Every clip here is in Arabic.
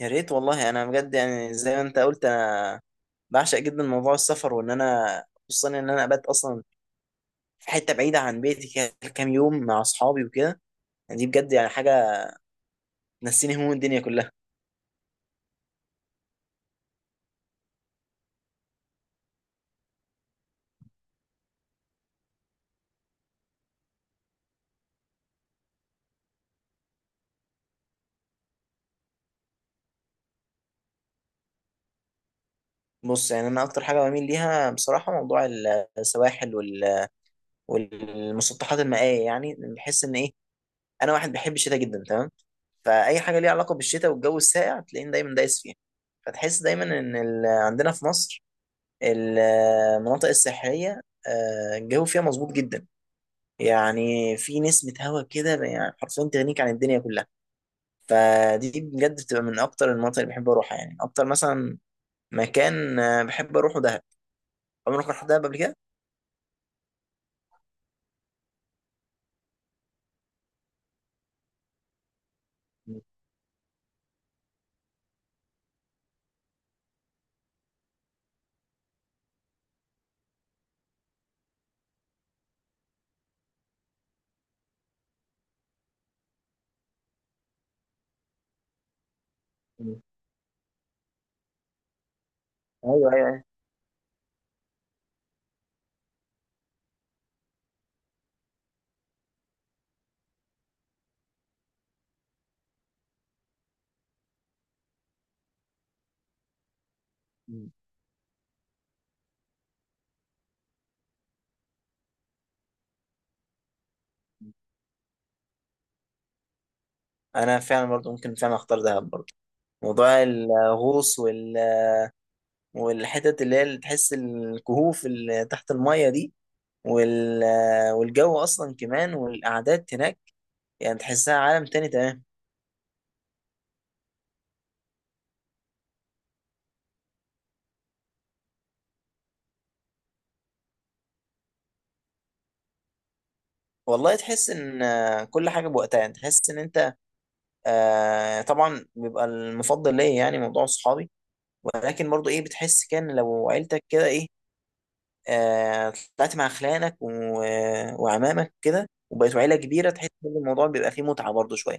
يا ريت والله. انا بجد يعني زي ما انت قلت، انا بعشق جدا موضوع السفر، وان انا خصوصا ان انا ابات اصلا في حته بعيده عن بيتي كده كام يوم مع اصحابي وكده. يعني دي بجد يعني حاجه تنسيني هموم الدنيا كلها. بص، يعني انا اكتر حاجه بميل ليها بصراحه موضوع السواحل والمسطحات المائيه. يعني بحس ان ايه، انا واحد بحب الشتاء جدا، تمام. فاي حاجه ليها علاقه بالشتاء والجو الساقع تلاقيني دايما دايس فيها. فتحس دايما ان عندنا في مصر المناطق الساحليه، الجو فيها مظبوط جدا. يعني في نسمة هوا كده يعني حرفيا تغنيك عن الدنيا كلها. فدي بجد بتبقى من أكتر المناطق اللي بحب أروحها. يعني أكتر مثلا مكان بحب أروحه دهب. عمرك رحت دهب قبل كده؟ مم. مم. أيوه، أيوه، أيوه. مم. أنا فعلا برضو ممكن فعلا أختار دهب برضو. موضوع الغوص والحتت اللي تحس الكهوف اللي تحت المية دي والجو أصلا كمان والقعدات هناك. يعني تحسها عالم تاني، تمام. والله تحس إن كل حاجة بوقتها. يعني تحس إن أنت، آه، طبعا بيبقى المفضل ليا يعني موضوع صحابي. ولكن برضو ايه، بتحس كان لو عيلتك كده ايه، طلعت مع خلانك وعمامك كده وبقيتوا عيلة كبيرة، تحس ان الموضوع بيبقى فيه متعة برضو شوية.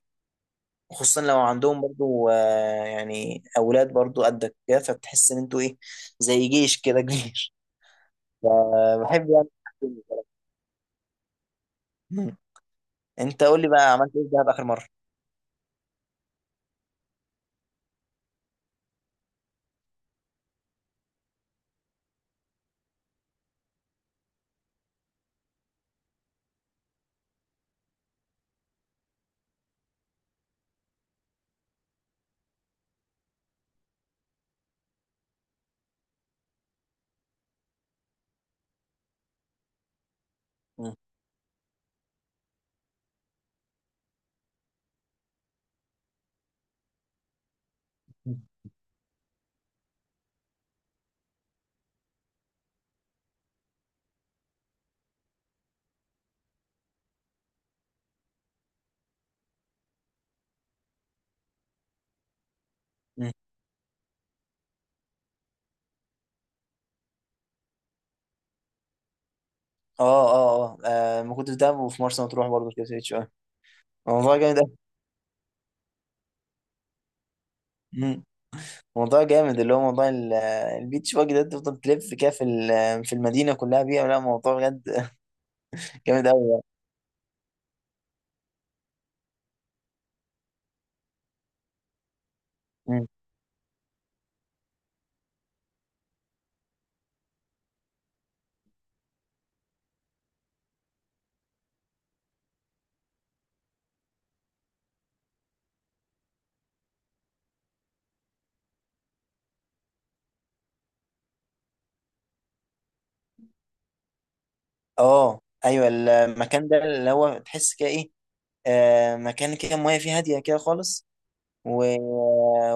خصوصا لو عندهم برضو يعني اولاد برضو قدك كده، فتحس ان انتوا ايه، زي جيش كده كبير. آه، بحب يعني. مم. انت قول لي بقى، عملت ايه في دهب اخر مرة؟ مم. مم. اه، اه، اه، ما كنت في دهب وفي مرسى مطروح برضو كده شوية. الموضوع جامد أوي. موضوع جامد اللي هو موضوع البيتش باجي ده. تفضل تلف كده في المدينة كلها بيها. لا، موضوع بجد. جامد أوي. مم. اه، ايوه. المكان ده اللي هو تحس كده ايه، مكان كده المية فيه هادية كده خالص و...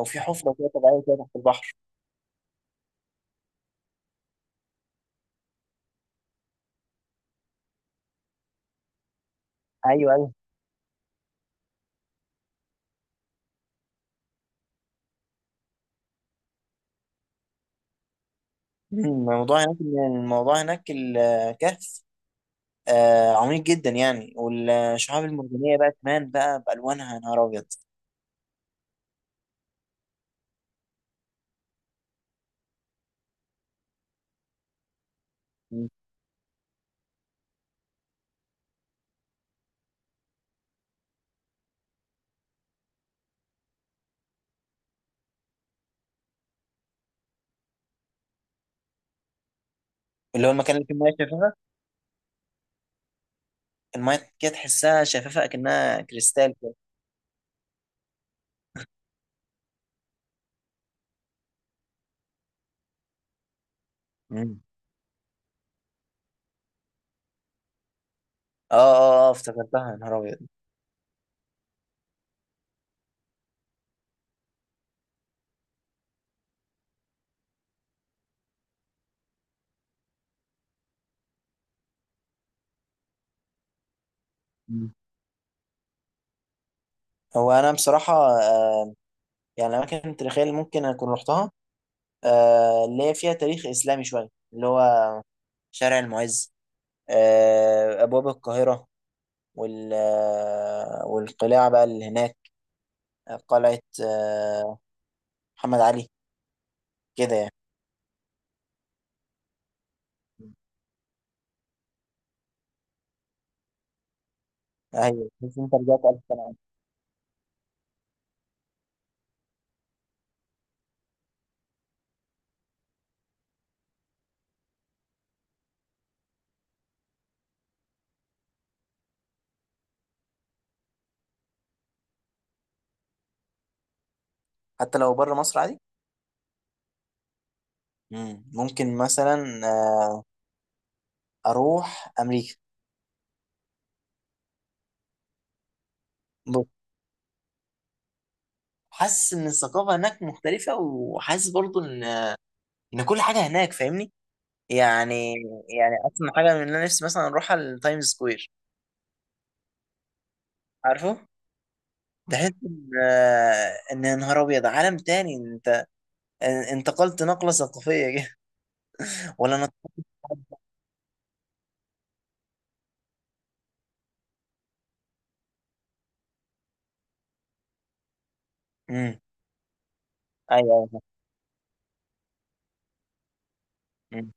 وفي حفرة كده طبيعية كده تحت البحر. ايوه، ايوه. مم. الموضوع هناك، الكهف عميق جدا يعني. والشعاب المرجانية بقى كمان بقى بألوانها، يا نهار أبيض. مم. اللي هو المكان اللي فيه المية شفافة. المايه كده تحسها شفافه اكنها كريستال كده. مم. اه، اه، اه، افتكرتها، يا نهار ابيض. مم. هو انا بصراحه، آه يعني الاماكن التاريخيه اللي ممكن اكون رحتها، اللي هي فيها تاريخ اسلامي شويه، اللي هو شارع المعز، ابواب القاهره، والقلاع بقى اللي هناك، قلعه محمد علي كده يعني. ايوه، بس انت رجعت الف سنه. حتى لو بره مصر عادي. مم. ممكن مثلا اروح امريكا. حاسس ان الثقافه هناك مختلفه، وحاسس برضو ان كل حاجه هناك، فاهمني يعني يعني اصلا حاجه من اللي انا نفسي مثلا اروح على التايمز سكوير، عارفه. تحس ان يا نهار ابيض عالم تاني انت، ان- انتقلت نقله ثقافيه كده. ولا انا. امم. ايوه، ايوه. مم.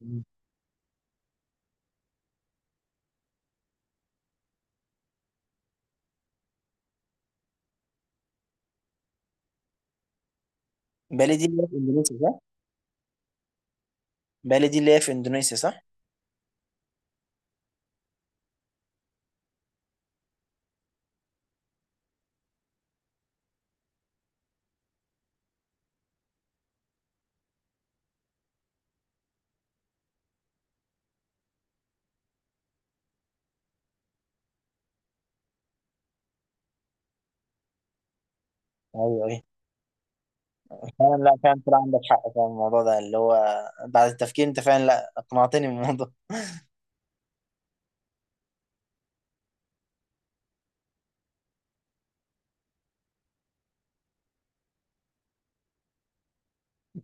مم. بالي دي اللي هي في اندونيسيا صح؟ بالي دي اللي هي في اندونيسيا صح؟ ايوه، ايوه. فعلا، لا فعلا طلع عندك حق في الموضوع ده، اللي هو بعد التفكير انت فعلا، لا اقنعتني بالموضوع.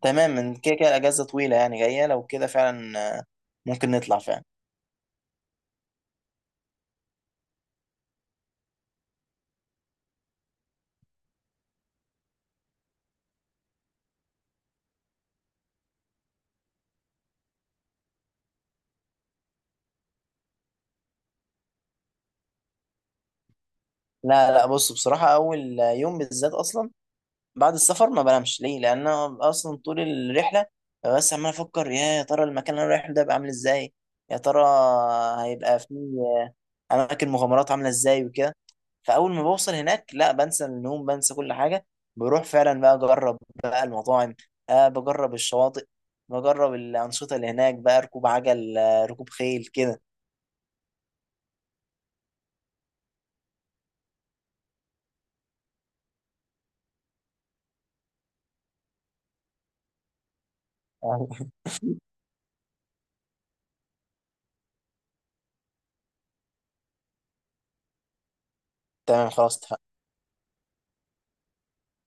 تمام، من كده كده الاجازه طويله يعني جايه، لو كده فعلا ممكن نطلع فعلا. لا، لا، بص، بصراحه اول يوم بالذات اصلا بعد السفر ما بنامش ليه، لان انا اصلا طول الرحله ببقى بس عمال افكر يا ترى المكان اللي انا رايح له ده هيبقى عامل ازاي، يا ترى هيبقى فيه اماكن مغامرات عامله ازاي وكده. فاول ما بوصل هناك، لا، بنسى النوم، بنسى كل حاجه، بروح فعلا بقى اجرب بقى المطاعم، بجرب الشواطئ، بجرب الانشطه اللي هناك بقى، ركوب عجل، ركوب خيل كده. تمام، خلاص اتفقنا.